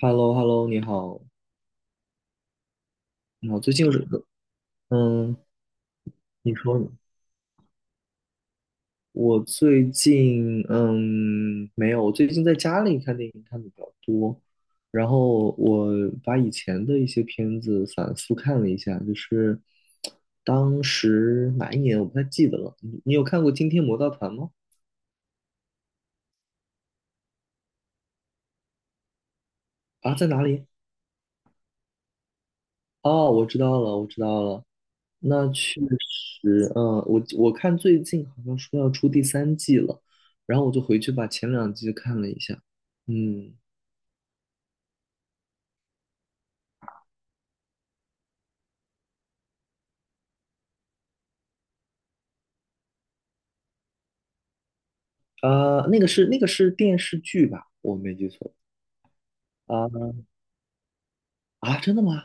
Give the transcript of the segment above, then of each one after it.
h e l l o h e l l o 你好，你好，最近有什么？嗯，你说呢？我最近没有，我最近在家里看电影看的比较多，然后我把以前的一些片子反复看了一下，就是当时哪一年我不太记得了。你有看过《惊天魔盗团》吗？啊，在哪里？哦，我知道了，我知道了，那确实，我看最近好像说要出第三季了，然后我就回去把前2季看了一下，嗯，啊，那个是电视剧吧，我没记错啊啊，真的吗？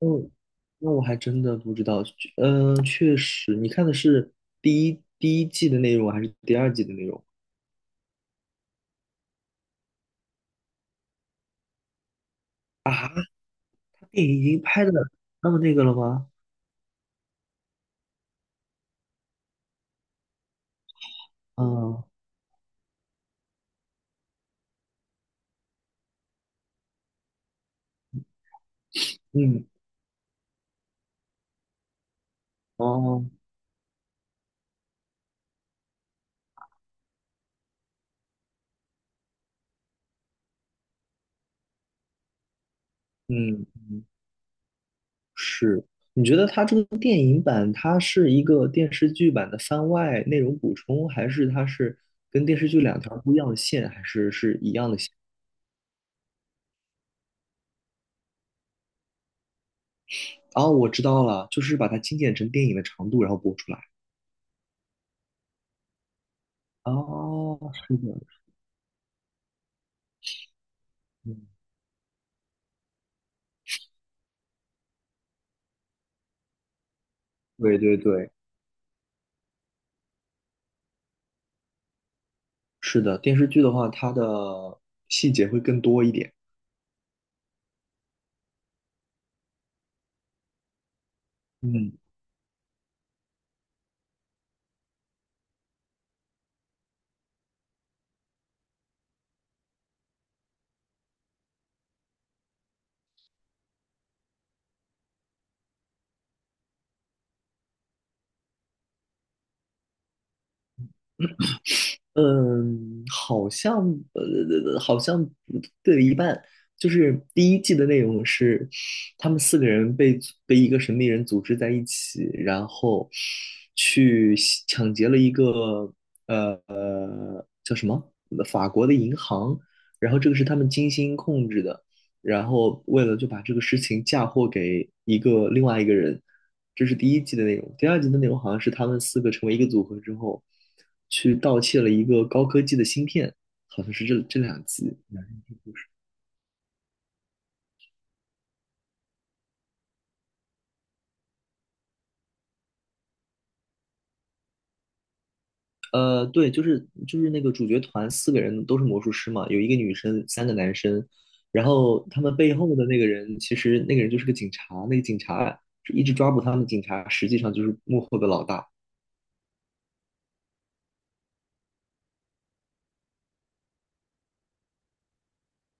嗯，那我还真的不知道，嗯，确实，你看的是第一季的内容还是第二季的内容啊？电影已经拍的那么那个了吗？嗯嗯哦嗯。是，你觉得它这个电影版，它是一个电视剧版的番外内容补充，还是它是跟电视剧2条不一样的线，还是是一样的线？哦，我知道了，就是把它精简成电影的长度，然后播出来。哦，是的，嗯，对对对，是的，电视剧的话，它的细节会更多一点。嗯。嗯，好像呃，呃呃好像对了一半。就是第一季的内容是，他们四个人被一个神秘人组织在一起，然后去抢劫了一个呃叫什么法国的银行，然后这个是他们精心控制的，然后为了就把这个事情嫁祸给一个另外一个人，这是第一季的内容。第二季的内容好像是他们四个成为一个组合之后，去盗窃了一个高科技的芯片，好像是这2集。对，就是那个主角团四个人都是魔术师嘛，有一个女生，三个男生。然后他们背后的那个人，其实那个人就是个警察，那个警察一直抓捕他们，警察实际上就是幕后的老大。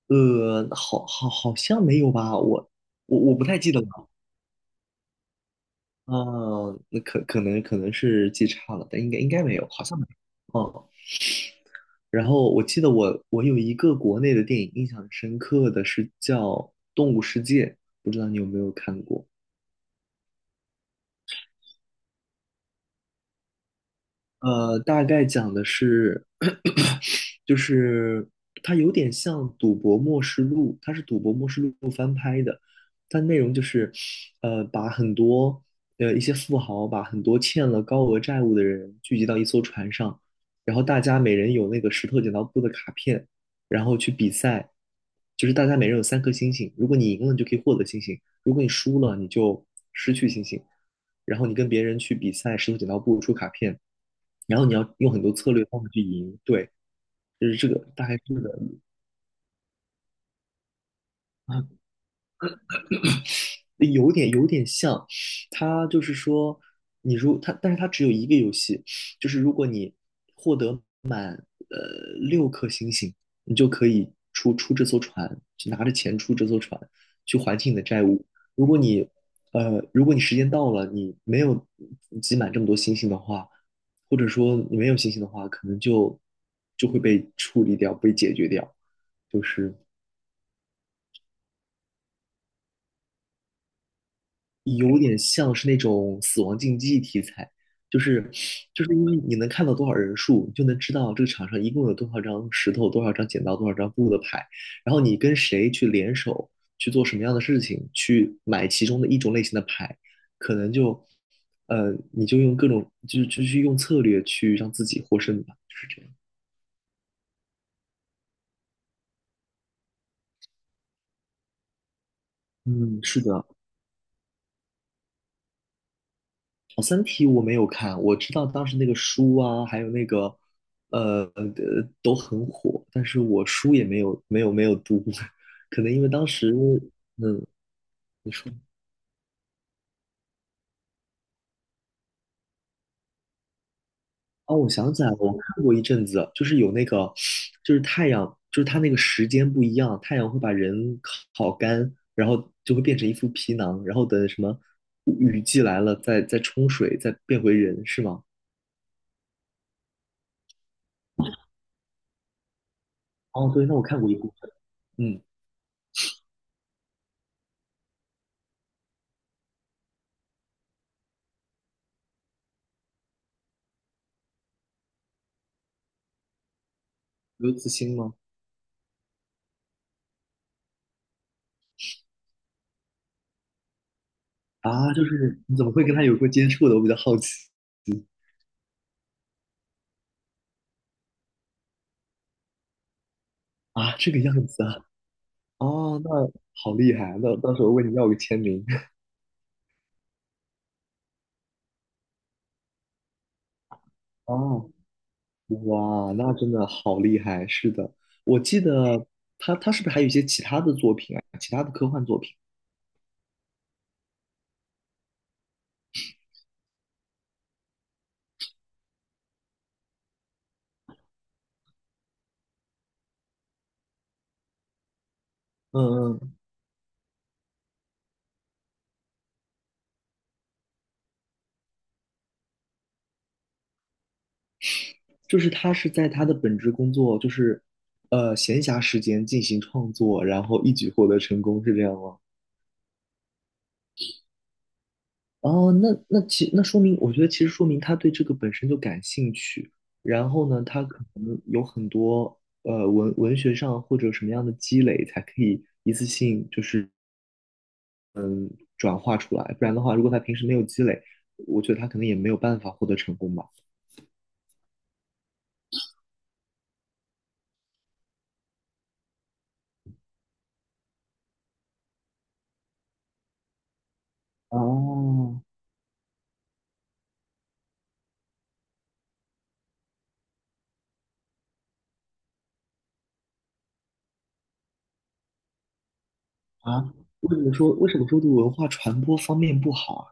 好像没有吧？我不太记得了。嗯，那可能是记差了，但应该没有，好像没有。哦，然后我记得我有一个国内的电影印象很深刻的是叫《动物世界》，不知道你有没有看过？大概讲的是，就是它有点像《赌博默示录》，它是《赌博默示录》翻拍的。它内容就是，把很多一些富豪，把很多欠了高额债务的人聚集到一艘船上，然后大家每人有那个石头剪刀布的卡片，然后去比赛，就是大家每人有3颗星星，如果你赢了，你就可以获得星星；如果你输了，你就失去星星。然后你跟别人去比赛石头剪刀布出卡片，然后你要用很多策略方法去赢，对，就是这个大概这个啊，有点像，它就是说它，但是它只有一个游戏，就是如果你获得6颗星星，你就可以出这艘船，去拿着钱出这艘船，去还清你的债务。如果你如果你时间到了，你没有集满这么多星星的话，或者说你没有星星的话，可能就会被处理掉，被解决掉。就是有点像是那种死亡竞技题材，就是就是因为你能看到多少人数，你就能知道这个场上一共有多少张石头、多少张剪刀、多少张布的牌，然后你跟谁去联手去做什么样的事情，去买其中的一种类型的牌，可能你就用各种就去用策略去让自己获胜吧，就是这样。嗯，是的，哦，《三体》我没有看，我知道当时那个书啊，还有那个，呃呃，都很火，但是我书也没有读，可能因为当时，嗯，你说，哦，我想起来了，我看过一阵子，就是有那个，就是太阳，就是它那个时间不一样，太阳会把人烤干，然后就会变成一副皮囊，然后等什么雨季来了，再冲水，再变回人，是吗？哦，对，那我看过一部分，嗯，刘慈欣吗？啊，就是你怎么会跟他有过接触的？我比较好奇啊，这个样子啊，哦，那好厉害，那到时候问你要个签名。哦，哇，那真的好厉害，是的，我记得他是不是还有一些其他的作品啊？其他的科幻作品？嗯嗯，就是他是在他的本职工作，就是闲暇时间进行创作，然后一举获得成功，是这样吗？哦，那说明，我觉得其实说明他对这个本身就感兴趣，然后呢，他可能有很多文学上或者什么样的积累，才可以一次性就是转化出来，不然的话，如果他平时没有积累，我觉得他可能也没有办法获得成功吧。哦，啊，为什么说对文化传播方面不好啊？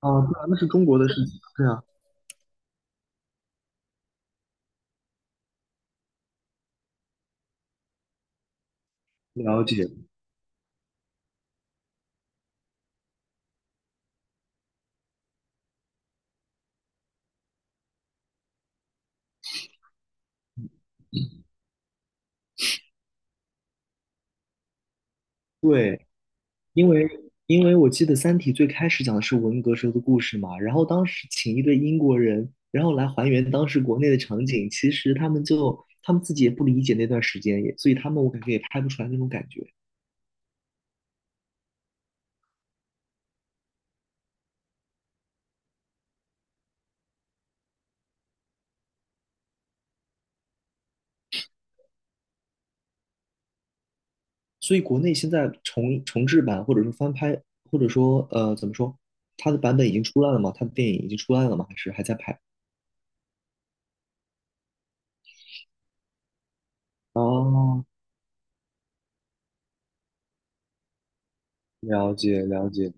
啊，对啊，那是中国的事情，对啊，了解，对。因为因为我记得《三体》最开始讲的是文革时候的故事嘛，然后当时请一对英国人，然后来还原当时国内的场景，其实他们就他们自己也不理解那段时间，也所以他们我感觉也拍不出来那种感觉，所以国内现在重制版或者说翻拍，或者说怎么说，它的版本已经出来了吗？它的电影已经出来了吗？还是还在拍？哦，了解了解，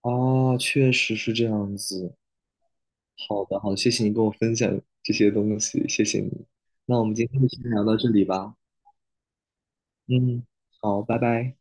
啊，确实是这样子。好的，好，谢谢你跟我分享这些东西，谢谢你。那我们今天就先聊到这里吧。嗯，好，拜拜。